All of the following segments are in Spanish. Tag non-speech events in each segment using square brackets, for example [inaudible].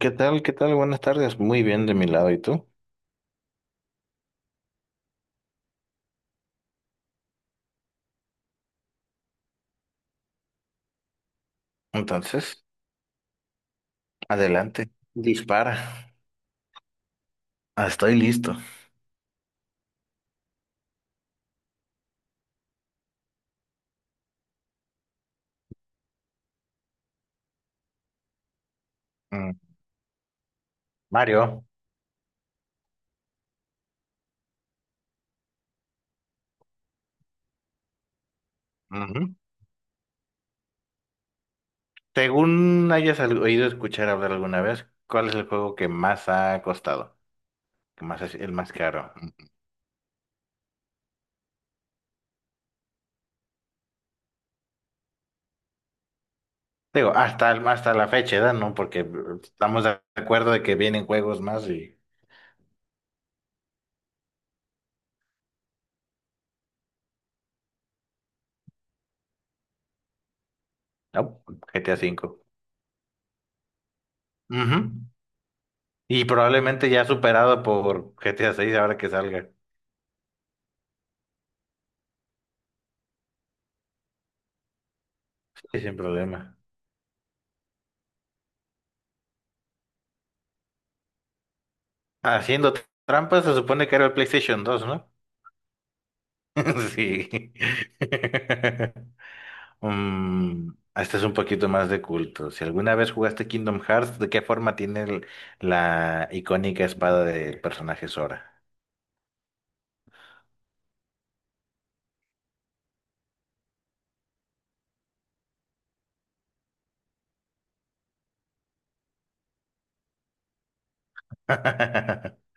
¿Qué tal? ¿Qué tal? Buenas tardes. Muy bien de mi lado. ¿Y tú? Entonces, adelante. Dispara. Ah, estoy listo. Mm, Mario, ujú. Según hayas oído escuchar hablar alguna vez, ¿cuál es el juego que más ha costado? ¿Que más es el más caro? Mm. Digo, hasta, hasta la fecha, ¿verdad? ¿No? Porque estamos de acuerdo de que vienen juegos más y... No, GTA V. Ujú. Y probablemente ya superado por GTA 6 ahora que salga. Sí, sin problema. Haciendo trampas se supone que era el PlayStation 2, ¿no? [laughs] Sí. [laughs] Mm, este es un poquito más de culto. Si alguna vez jugaste Kingdom Hearts, ¿de qué forma tiene la icónica espada del personaje Sora? [laughs]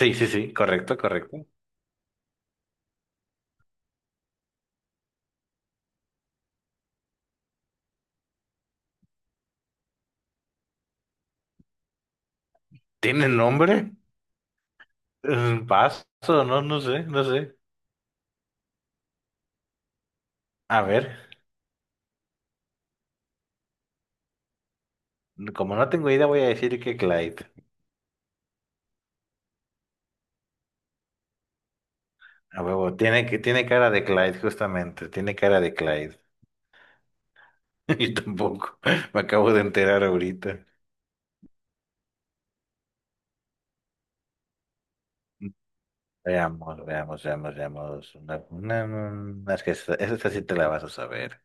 Sí, sí, sí, correcto, correcto. ¿Tiene nombre? Mm, paso, no, no sé, no sé. A ver, como no tengo idea, voy a decir que Clyde. A huevo, tiene, tiene cara de Clyde, justamente, tiene cara de Clyde. [laughs] Yo tampoco. Me acabo de enterar ahorita. Veamos, veamos, veamos, veamos. Es que esta sí te la vas a saber.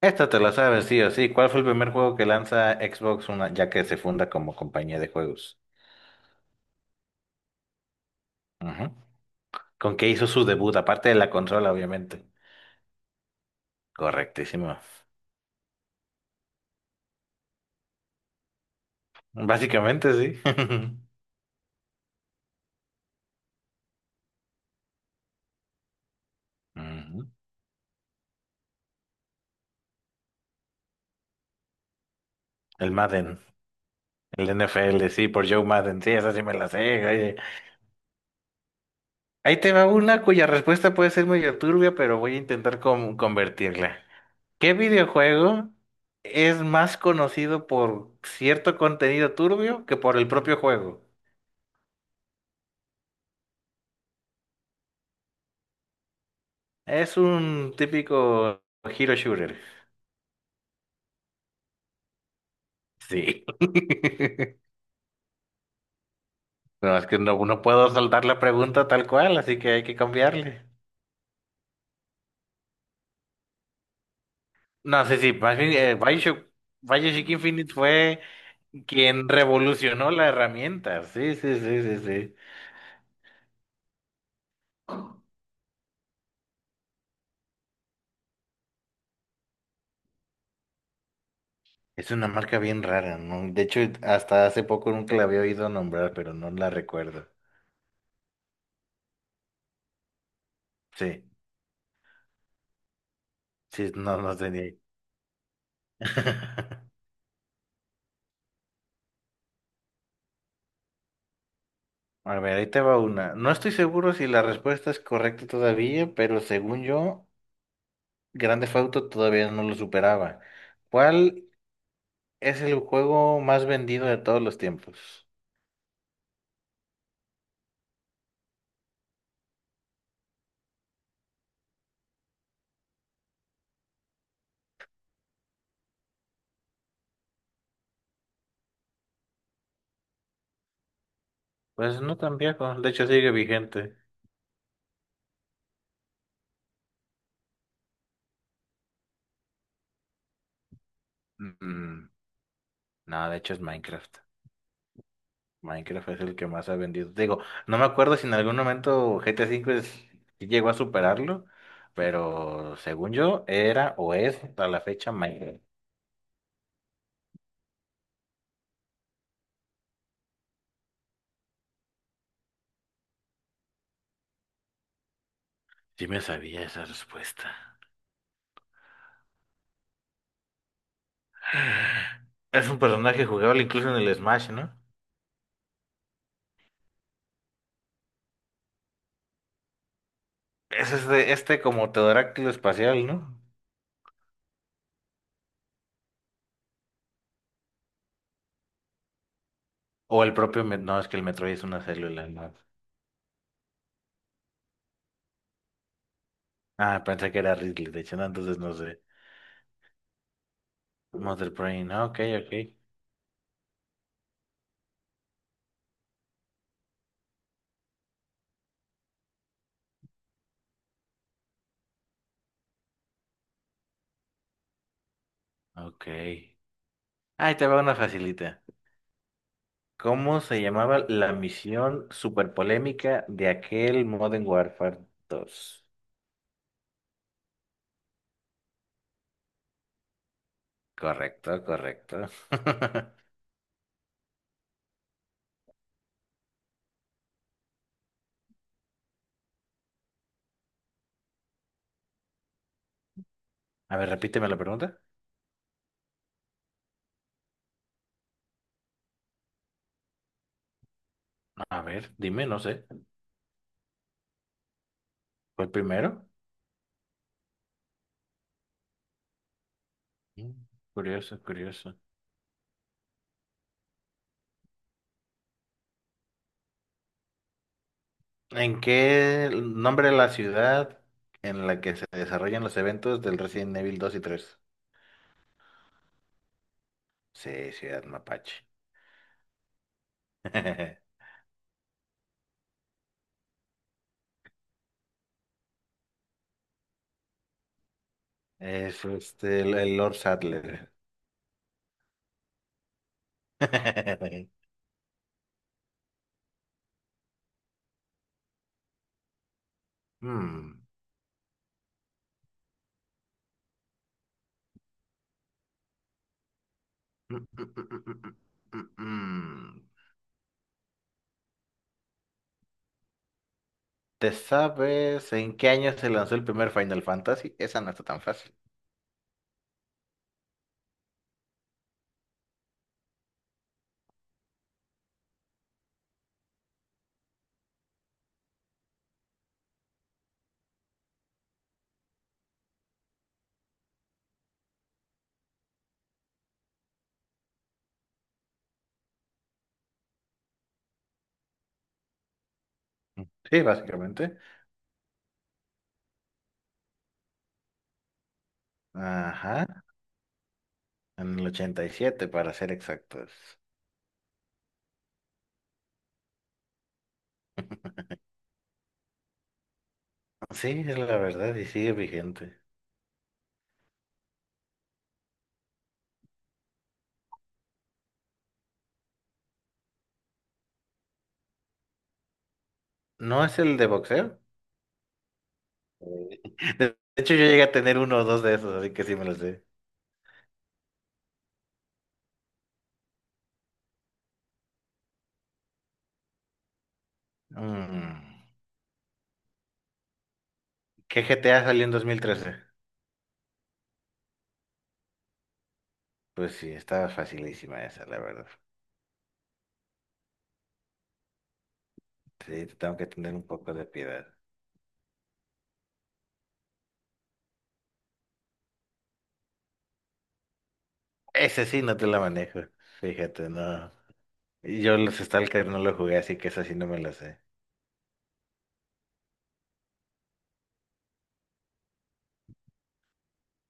Esta te la sabes, sí o sí. ¿Cuál fue el primer juego que lanza Xbox una, ya que se funda como compañía de juegos? Ujú. ¿Con qué hizo su debut? Aparte de la consola, obviamente. Correctísimo. Básicamente, sí. [laughs] Ujú. El Madden, el NFL, sí, por Joe Madden. Sí, esa sí me la sé. Ahí te va una cuya respuesta puede ser medio turbia, pero voy a intentar convertirla. ¿Qué videojuego es más conocido por cierto contenido turbio que por el propio juego? Es un típico hero shooter. Sí. [laughs] No, es que no, no puedo soltar la pregunta tal cual, así que hay que cambiarle. No, sí, sí, más bien Bioshock, Bioshock Infinite fue quien revolucionó la herramienta. Sí, sí, sí, sí, sí. Es una marca bien rara, ¿no? De hecho, hasta hace poco nunca la había oído nombrar, pero no la recuerdo. Sí, sí, no, no tenía. [laughs] A ver, ahí te va una. No estoy seguro si la respuesta es correcta todavía, pero según yo, Grand Theft Auto todavía no lo superaba. ¿Cuál es el juego más vendido de todos los tiempos? Pues no tan viejo, de hecho sigue vigente. Mm, no, de hecho es Minecraft. Minecraft es el que más ha vendido. Digo, no me acuerdo si en algún momento sí llegó a superarlo, pero según yo era o es a la fecha Minecraft. Sí me sabía esa respuesta. [sighs] Es un personaje jugable incluso en el Smash, ¿no? Es este, este como pterodáctilo espacial, ¿no? O el propio... No, es que el Metroid es una célula, ¿no? Ah, pensé que era Ridley, de hecho, no, entonces no sé. Mother Brain, ah, ok, ok. Ok. Ahí te va una facilita. ¿Cómo se llamaba la misión super polémica de aquel Modern Warfare dos? Correcto, correcto. [laughs] A ver, repíteme la pregunta. A ver, dime, no sé. ¿Fue el primero? Mm, Curioso, curioso. ¿En qué nombre de la ciudad en la que se desarrollan los eventos del Resident Evil dos y tres? Sí, Ciudad Mapache. [laughs] Es este, el Lord Sadler. [laughs] Hmm. Mm, mm, mm, mm, mm, mm. mm. ¿Te sabes en qué año se lanzó el primer Final Fantasy? Esa no está tan fácil. Sí, básicamente. Ajá, en el 87, para ser exactos. Sí, es la verdad y sigue vigente. ¿No es el de boxeo? [laughs] De hecho, yo llegué a tener uno o dos de esos, así que sí me los sé. Mm, ¿Qué GTA salió en 2013? Pues sí, estaba facilísima esa, la verdad. Sí, te tengo que tener un poco de piedad. Ese sí no te la manejo. Fíjate, no. Yo los Stalker no lo jugué, así que eso sí no me lo sé.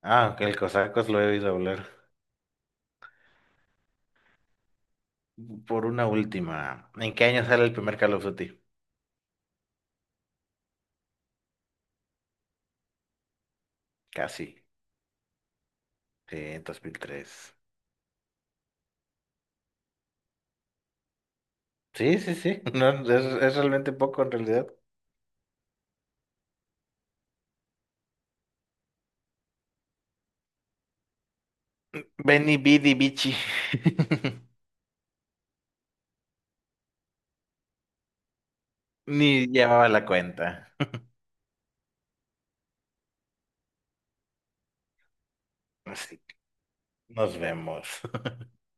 Ah, ok, el Cosacos lo he oído hablar. Por una última, ¿en qué año sale el primer Call of Duty? Casi, sí, en 2003. Sí, sí, sí, [laughs] no, es realmente poco en realidad. Benny Bidi Bichi. [laughs] Ni llevaba la cuenta. [laughs] Así que nos vemos.